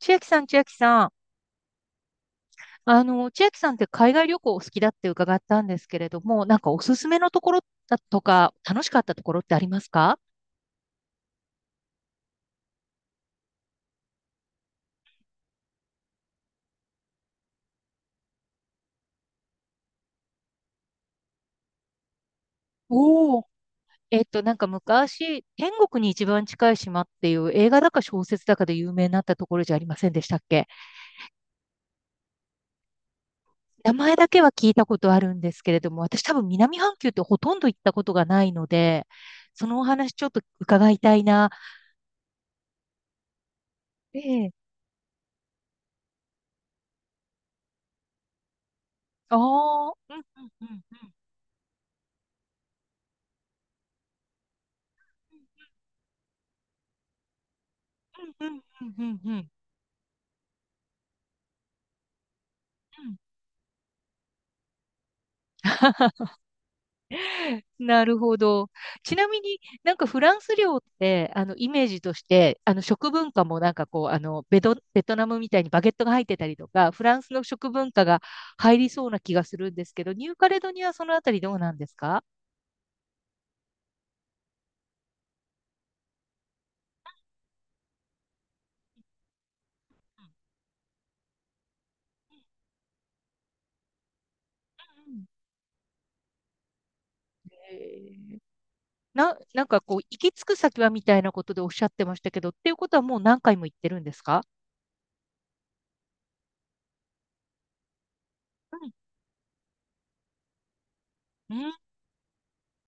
千秋さん、千秋さん。千秋さんって海外旅行お好きだって伺ったんですけれども、なんかおすすめのところだとか、楽しかったところってありますか？おおー、なんか昔、天国に一番近い島っていう映画だか小説だかで有名になったところじゃありませんでしたっけ？名前だけは聞いたことあるんですけれども、私多分南半球ってほとんど行ったことがないので、そのお話ちょっと伺いたいな。ええ。ああ、うんうんうんうん。うんうんうんうんうんうん。なるほど。ちなみになんかフランス料って、イメージとして、食文化もなんかこう、ベトナムみたいにバゲットが入ってたりとか、フランスの食文化が入りそうな気がするんですけど、ニューカレドニアはそのあたりどうなんですか？うんえーなんかこう、行き着く先はみたいなことでおっしゃってましたけど、っていうことはもう何回も行ってるんですか？うん、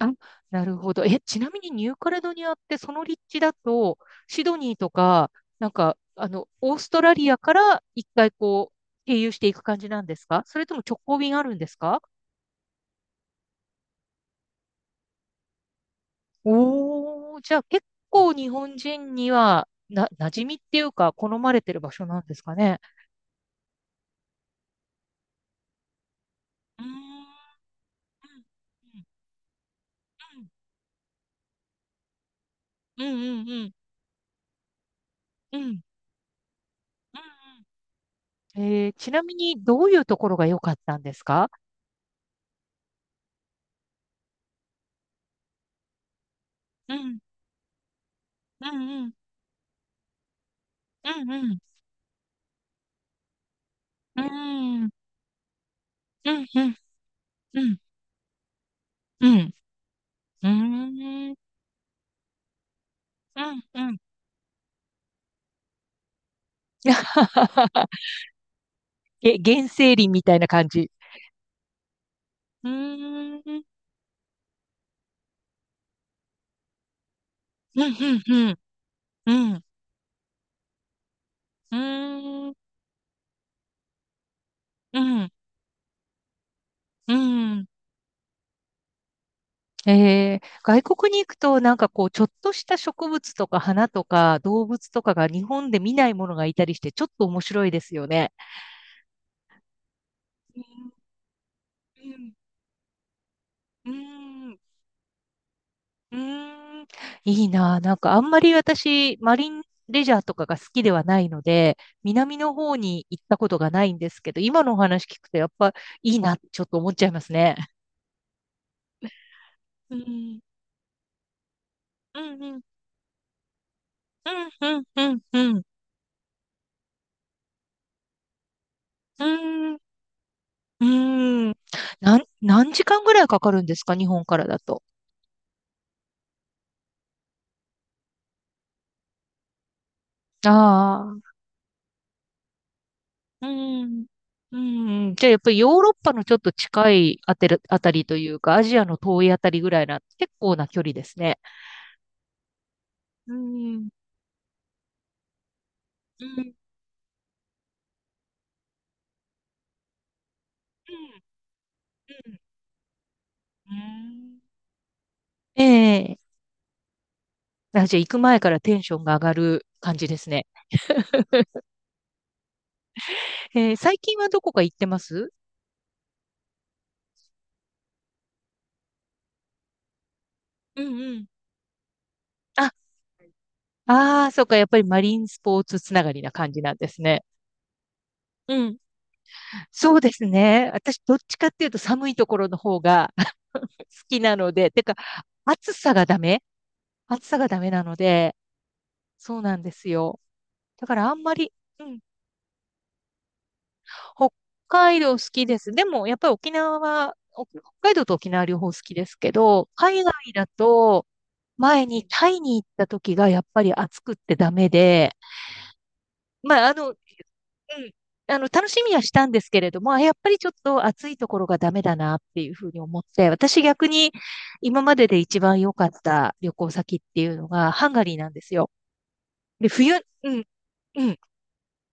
あ、なるほど。え、ちなみにニューカレドニアってその立地だと、シドニーとか、なんか、オーストラリアから一回こう、経由していく感じなんですか？それとも直行便あるんですか？おー、じゃあ結構日本人には、馴染みっていうか、好まれてる場所なんですかね。うーんうんうんうんうんうんうんうんちなみにどういうところが良かったんですか？うんうんうんうんうんうんうんうんうんうん。うんうーん。うんうん 原生林みたいな感じ。うーん。うんうんうん。うん。うん。うん。うん。外国に行くと、なんかこう、ちょっとした植物とか花とか動物とかが日本で見ないものがいたりして、ちょっと面白いですよね。うんうんうんうーん、いいな。なんかあんまり私、マリンレジャーとかが好きではないので、南の方に行ったことがないんですけど、今のお話聞くとやっぱいいなってちょっと思っちゃいますね。うん、うん、うん、うん、うん、うん、うん、うん、うん。何時間ぐらいかかるんですか？日本からだと。ああ、うん、うん。じゃあやっぱりヨーロッパのちょっと近いあてるあたりというか、アジアの遠いあたりぐらいな、結構な距離ですね。うんうん、うん、うん。うんええ。あ、じゃあ行く前からテンションが上がる感じですね。ええ、最近はどこか行ってます？うんうん。あ、ああ、そうか、やっぱりマリンスポーツつながりな感じなんですね。うん。そうですね。私、どっちかっていうと寒いところの方が 好きなので、てか、暑さがダメ暑さがダメなので、そうなんですよ。だからあんまり、うん、北海道好きです。でも、やっぱり沖縄は、お北海道と沖縄両方好きですけど、海外だと、前にタイに行った時がやっぱり暑くってダメで、まあ、うん、楽しみはしたんですけれども、あやっぱりちょっと暑いところがダメだなっていうふうに思って、私逆に今までで一番良かった旅行先っていうのがハンガリーなんですよ。で、うん、うん。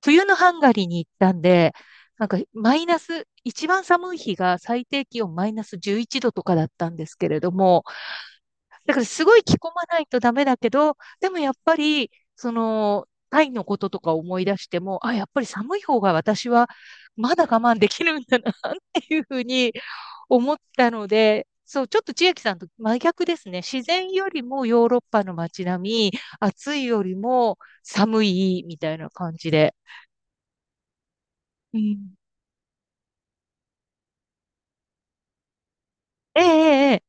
冬のハンガリーに行ったんで、なんかマイナス、一番寒い日が最低気温マイナス11度とかだったんですけれども、だからすごい着込まないとダメだけど、でもやっぱり、その、タイのこととか思い出しても、あ、やっぱり寒い方が私はまだ我慢できるんだなっていうふうに思ったので、そう、ちょっと千秋さんと真逆ですね。自然よりもヨーロッパの街並み、暑いよりも寒いみたいな感じで。うん、ええ、ええ、え、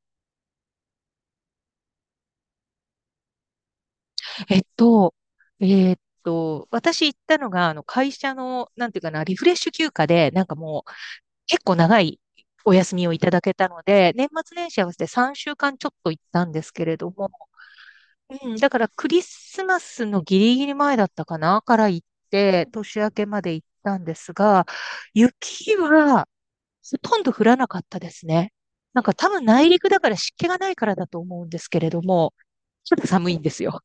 ええっと、えっ私行ったのが、会社の、なんていうかな、リフレッシュ休暇で、なんかもう、結構長いお休みをいただけたので、年末年始合わせて3週間ちょっと行ったんですけれども、うん、だからクリスマスのギリギリ前だったかな、から行って、年明けまで行ったんですが、雪はほとんど降らなかったですね。なんか多分内陸だから湿気がないからだと思うんですけれども、ちょっと寒いんですよ。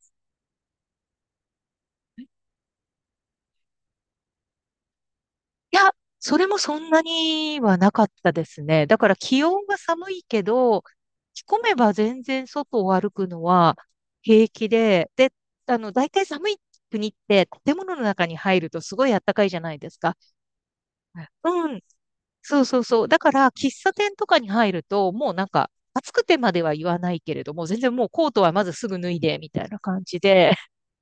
いや、それもそんなにはなかったですね。だから気温が寒いけど、着込めば全然外を歩くのは平気で、で、大体寒い国って建物の中に入るとすごい暖かいじゃないですか。うん、そうそうそう。だから喫茶店とかに入ると、もうなんか暑くてまでは言わないけれども、全然もうコートはまずすぐ脱いでみたいな感じで、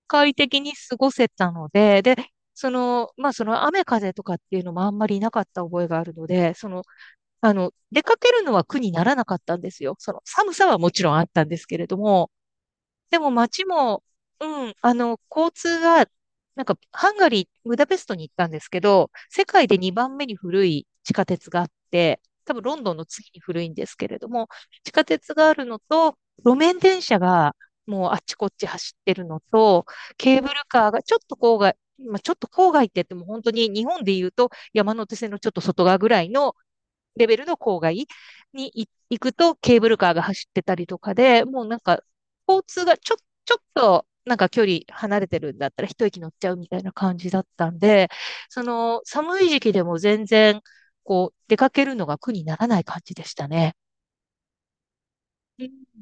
快適に過ごせたので、で、その、まあ、その雨風とかっていうのもあんまりなかった覚えがあるので、その、出かけるのは苦にならなかったんですよ。その寒さはもちろんあったんですけれども、でも街も、うん、交通が、なんか、ハンガリー、ブダペストに行ったんですけど、世界で2番目に古い地下鉄があって、多分ロンドンの次に古いんですけれども、地下鉄があるのと、路面電車がもうあっちこっち走ってるのと、ケーブルカーがちょっと郊外、まあ、ちょっと郊外って言っても本当に日本で言うと山手線のちょっと外側ぐらいのレベルの郊外に行くとケーブルカーが走ってたりとかで、もうなんか交通がちょ、ちょっとなんか距離離れてるんだったら一息乗っちゃうみたいな感じだったんで、その寒い時期でも全然こう出かけるのが苦にならない感じでしたね。うん、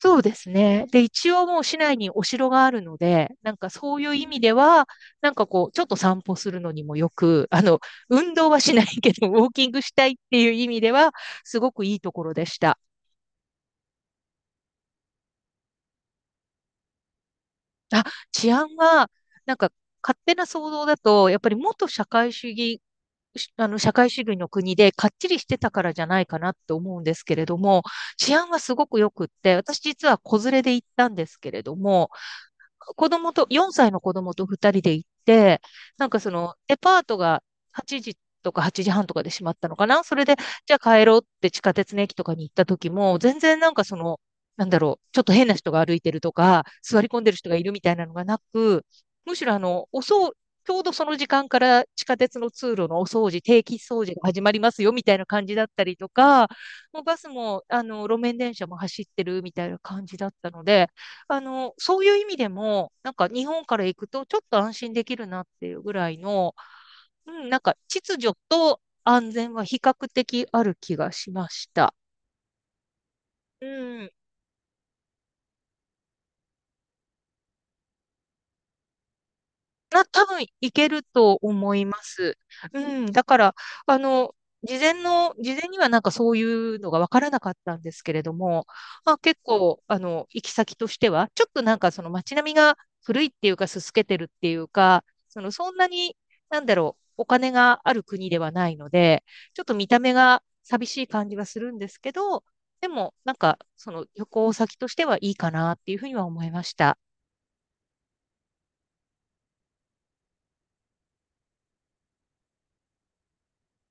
そうですね。で、一応もう市内にお城があるので、なんかそういう意味では、なんかこう、ちょっと散歩するのにもよく、運動はしないけど、ウォーキングしたいっていう意味では、すごくいいところでした。あ、治安は、なんか勝手な想像だと、やっぱり元社会主義、社会主義の国でかっちりしてたからじゃないかなって思うんですけれども、治安はすごく良くって、私実は子連れで行ったんですけれども、子供と、4歳の子供と2人で行って、なんかその、デパートが8時とか8時半とかで閉まったのかな。それで、じゃあ帰ろうって地下鉄の駅とかに行った時も、全然なんかその、なんだろう、ちょっと変な人が歩いてるとか、座り込んでる人がいるみたいなのがなく、むしろあの、おそう、ちょうどその時間から地下鉄の通路のお掃除、定期掃除が始まりますよみたいな感じだったりとか、もうバスもあの路面電車も走ってるみたいな感じだったので、そういう意味でも、なんか日本から行くとちょっと安心できるなっていうぐらいの、うん、なんか秩序と安全は比較的ある気がしました。うん。多分いけると思います。うん。だから、あの、事前にはなんかそういうのが分からなかったんですけれども、まあ、結構、行き先としては、ちょっとなんかその街並みが古いっていうか、すすけてるっていうか、その、そんなに、なんだろう、お金がある国ではないので、ちょっと見た目が寂しい感じはするんですけど、でも、なんか、その旅行先としてはいいかなっていうふうには思いました。